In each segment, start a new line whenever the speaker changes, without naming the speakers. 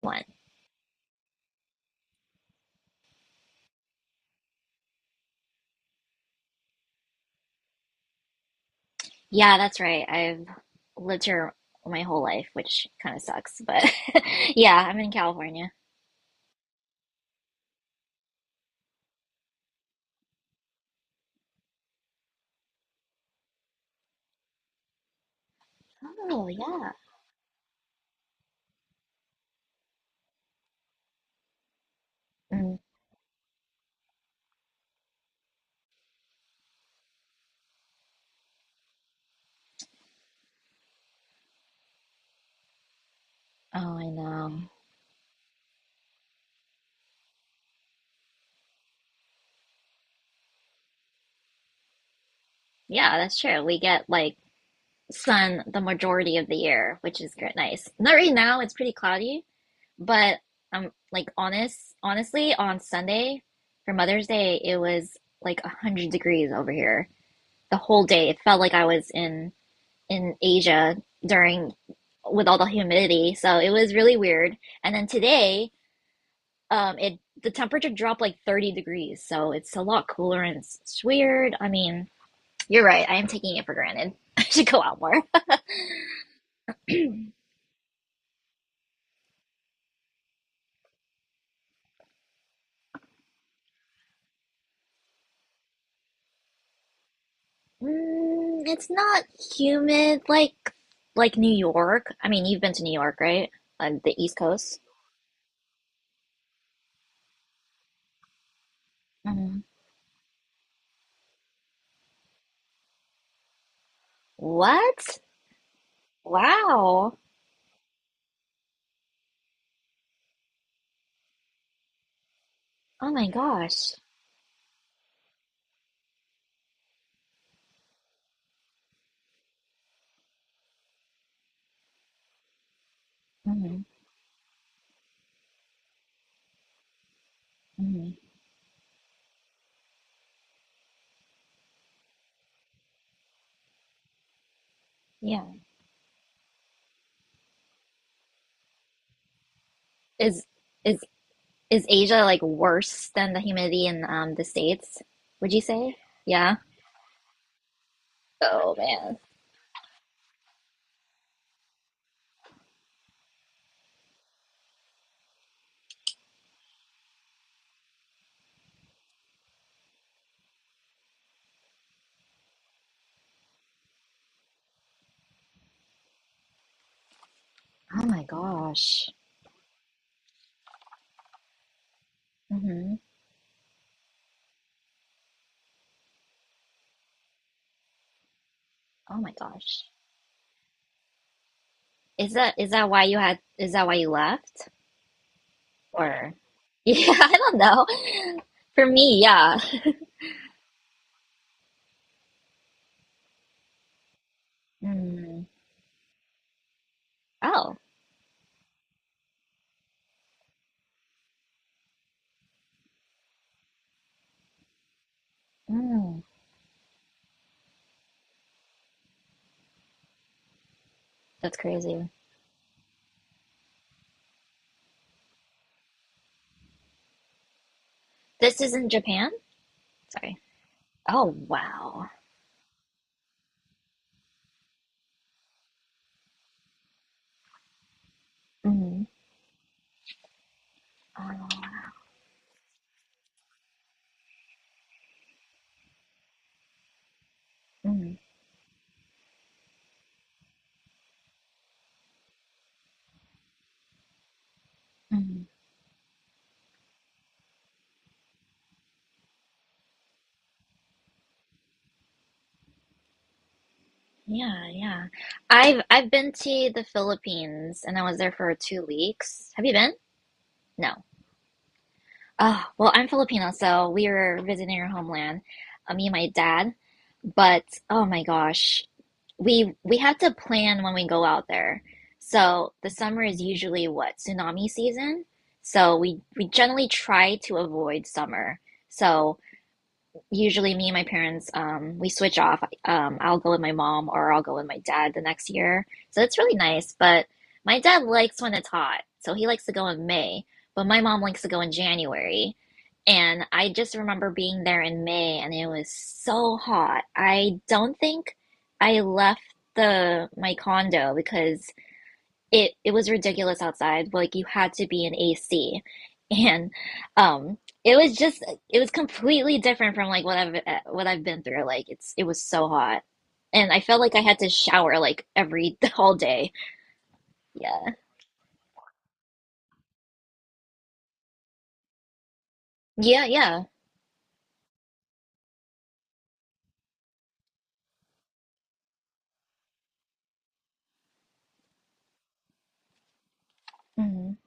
One. Yeah, that's right. I've lived here my whole life, which kind of sucks, but yeah, I'm in California. Oh, yeah. Mm, oh, I know. Yeah, that's true. We get like sun the majority of the year, which is good, nice. Not right now, it's pretty cloudy, but honestly, on Sunday for Mother's Day, it was like 100 degrees over here the whole day. It felt like I was in Asia during with all the humidity. So it was really weird. And then today, it the temperature dropped like 30 degrees. So it's a lot cooler and it's weird. I mean, you're right. I am taking it for granted. I should go out more. Mm, it's not humid like New York. I mean, you've been to New York, right? On the East Coast. Hmm. What? Wow. Oh my gosh. Hmm. Hmm. Yeah. Is is Is Asia like worse than the humidity in the States, would you say? Yeah. Oh man. Oh my gosh. Hmm. Oh my gosh. Is that why you left? Or yeah, I don't know. For me, yeah. Mm. Oh. Mm. That's crazy. This is in Japan? Sorry. Oh wow. Mm. Oh, mm. Hmm. Yeah, yeah. I've been to the Philippines and I was there for 2 weeks. Have you been? No. Oh, well, I'm Filipino, so we were visiting our homeland, me and my dad. But oh my gosh, we have to plan when we go out there. So the summer is usually what, tsunami season? So we generally try to avoid summer. So usually me and my parents we switch off. Um, I'll go with my mom or I'll go with my dad the next year. So it's really nice, but my dad likes when it's hot. So he likes to go in May, but my mom likes to go in January. And I just remember being there in May and it was so hot. I don't think I left the my condo because it was ridiculous outside. Like you had to be in AC, and um, it was just it was completely different from like what I've been through. Like it was so hot, and I felt like I had to shower like every all day. Yeah, yeah, yeah, hmm,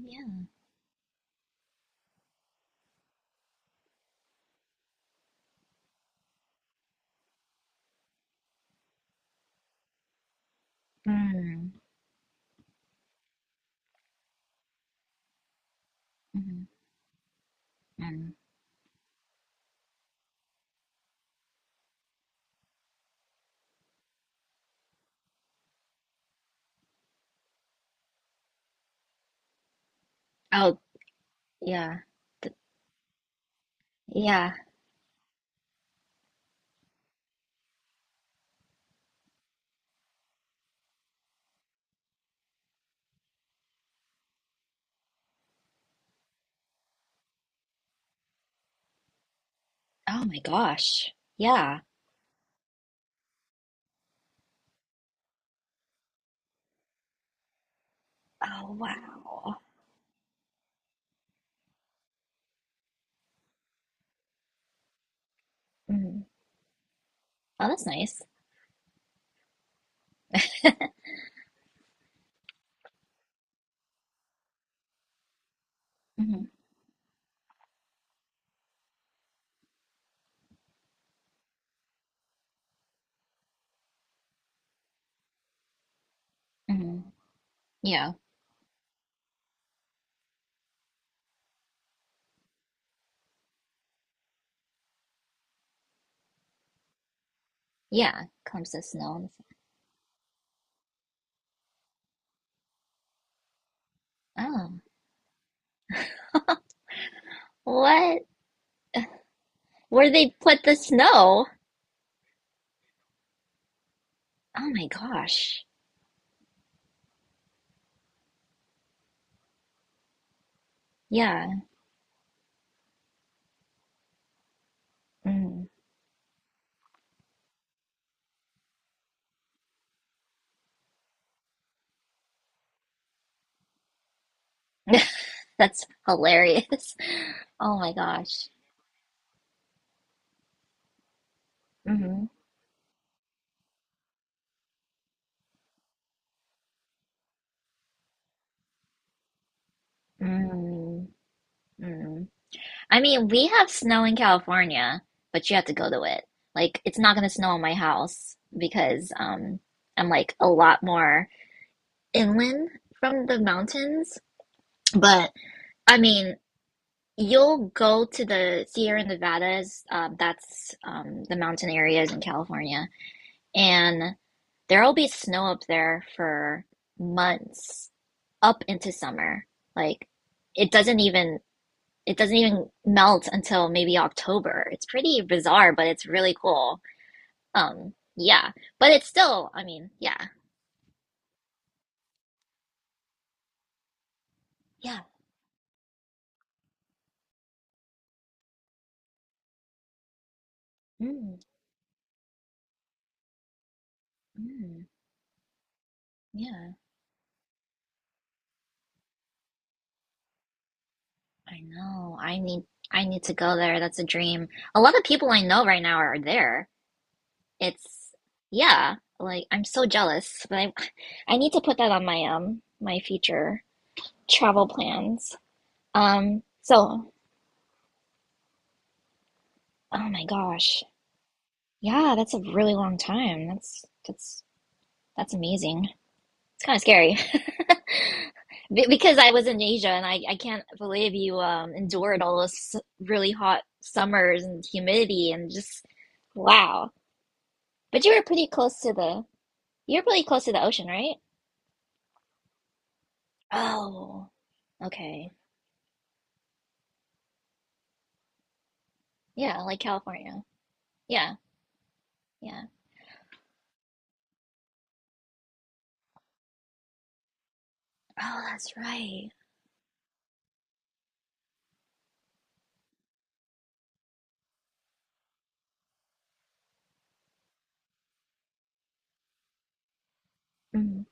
yeah. Mm-hmm. Mm-hmm. Mm-hmm. Oh, yeah. Th- yeah. Oh my gosh, yeah. Oh wow. Hmm. Oh, that's nice. Hmm. Hmm. Yeah, yeah. Comes the snow. Oh, what? Where they put the snow? Oh my gosh. Yeah. Mm. That's hilarious. Oh my gosh. Mm-hmm. Mm. Mm. I mean, we have snow in California, but you have to go to it. Like, it's not gonna snow in my house because I'm like a lot more inland from the mountains. But I mean, you'll go to the Sierra Nevadas. That's the mountain areas in California and there'll be snow up there for months up into summer. Like it doesn't even it doesn't even melt until maybe October. It's pretty bizarre, but it's really cool. Yeah, but it's still, I mean, yeah, yeah, mm, mm, yeah. I know. I need to go there. That's a dream. A lot of people I know right now are there. It's yeah, like I'm so jealous, but I need to put that on my my future travel plans. So oh my gosh. Yeah, that's a really long time. That's amazing. It's kind of scary. Because I was in Asia and I can't believe you endured all those really hot summers and humidity and just wow. But you were pretty close to the ocean, right? Oh, okay. Yeah, like California. Yeah, yeah. Oh, that's right. Mm.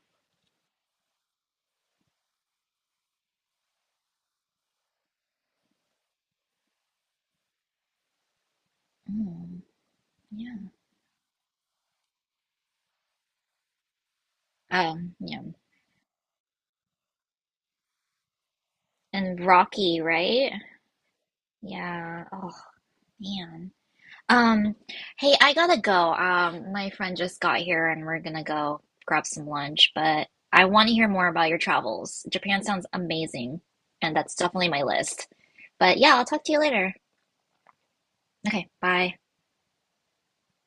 Mm. Yeah. Yeah. And Rocky, right? Yeah. Oh, man. Um, hey, I gotta go. My friend just got here and we're gonna go grab some lunch, but I want to hear more about your travels. Japan sounds amazing, and that's definitely my list. But yeah, I'll talk to you later. Okay, bye.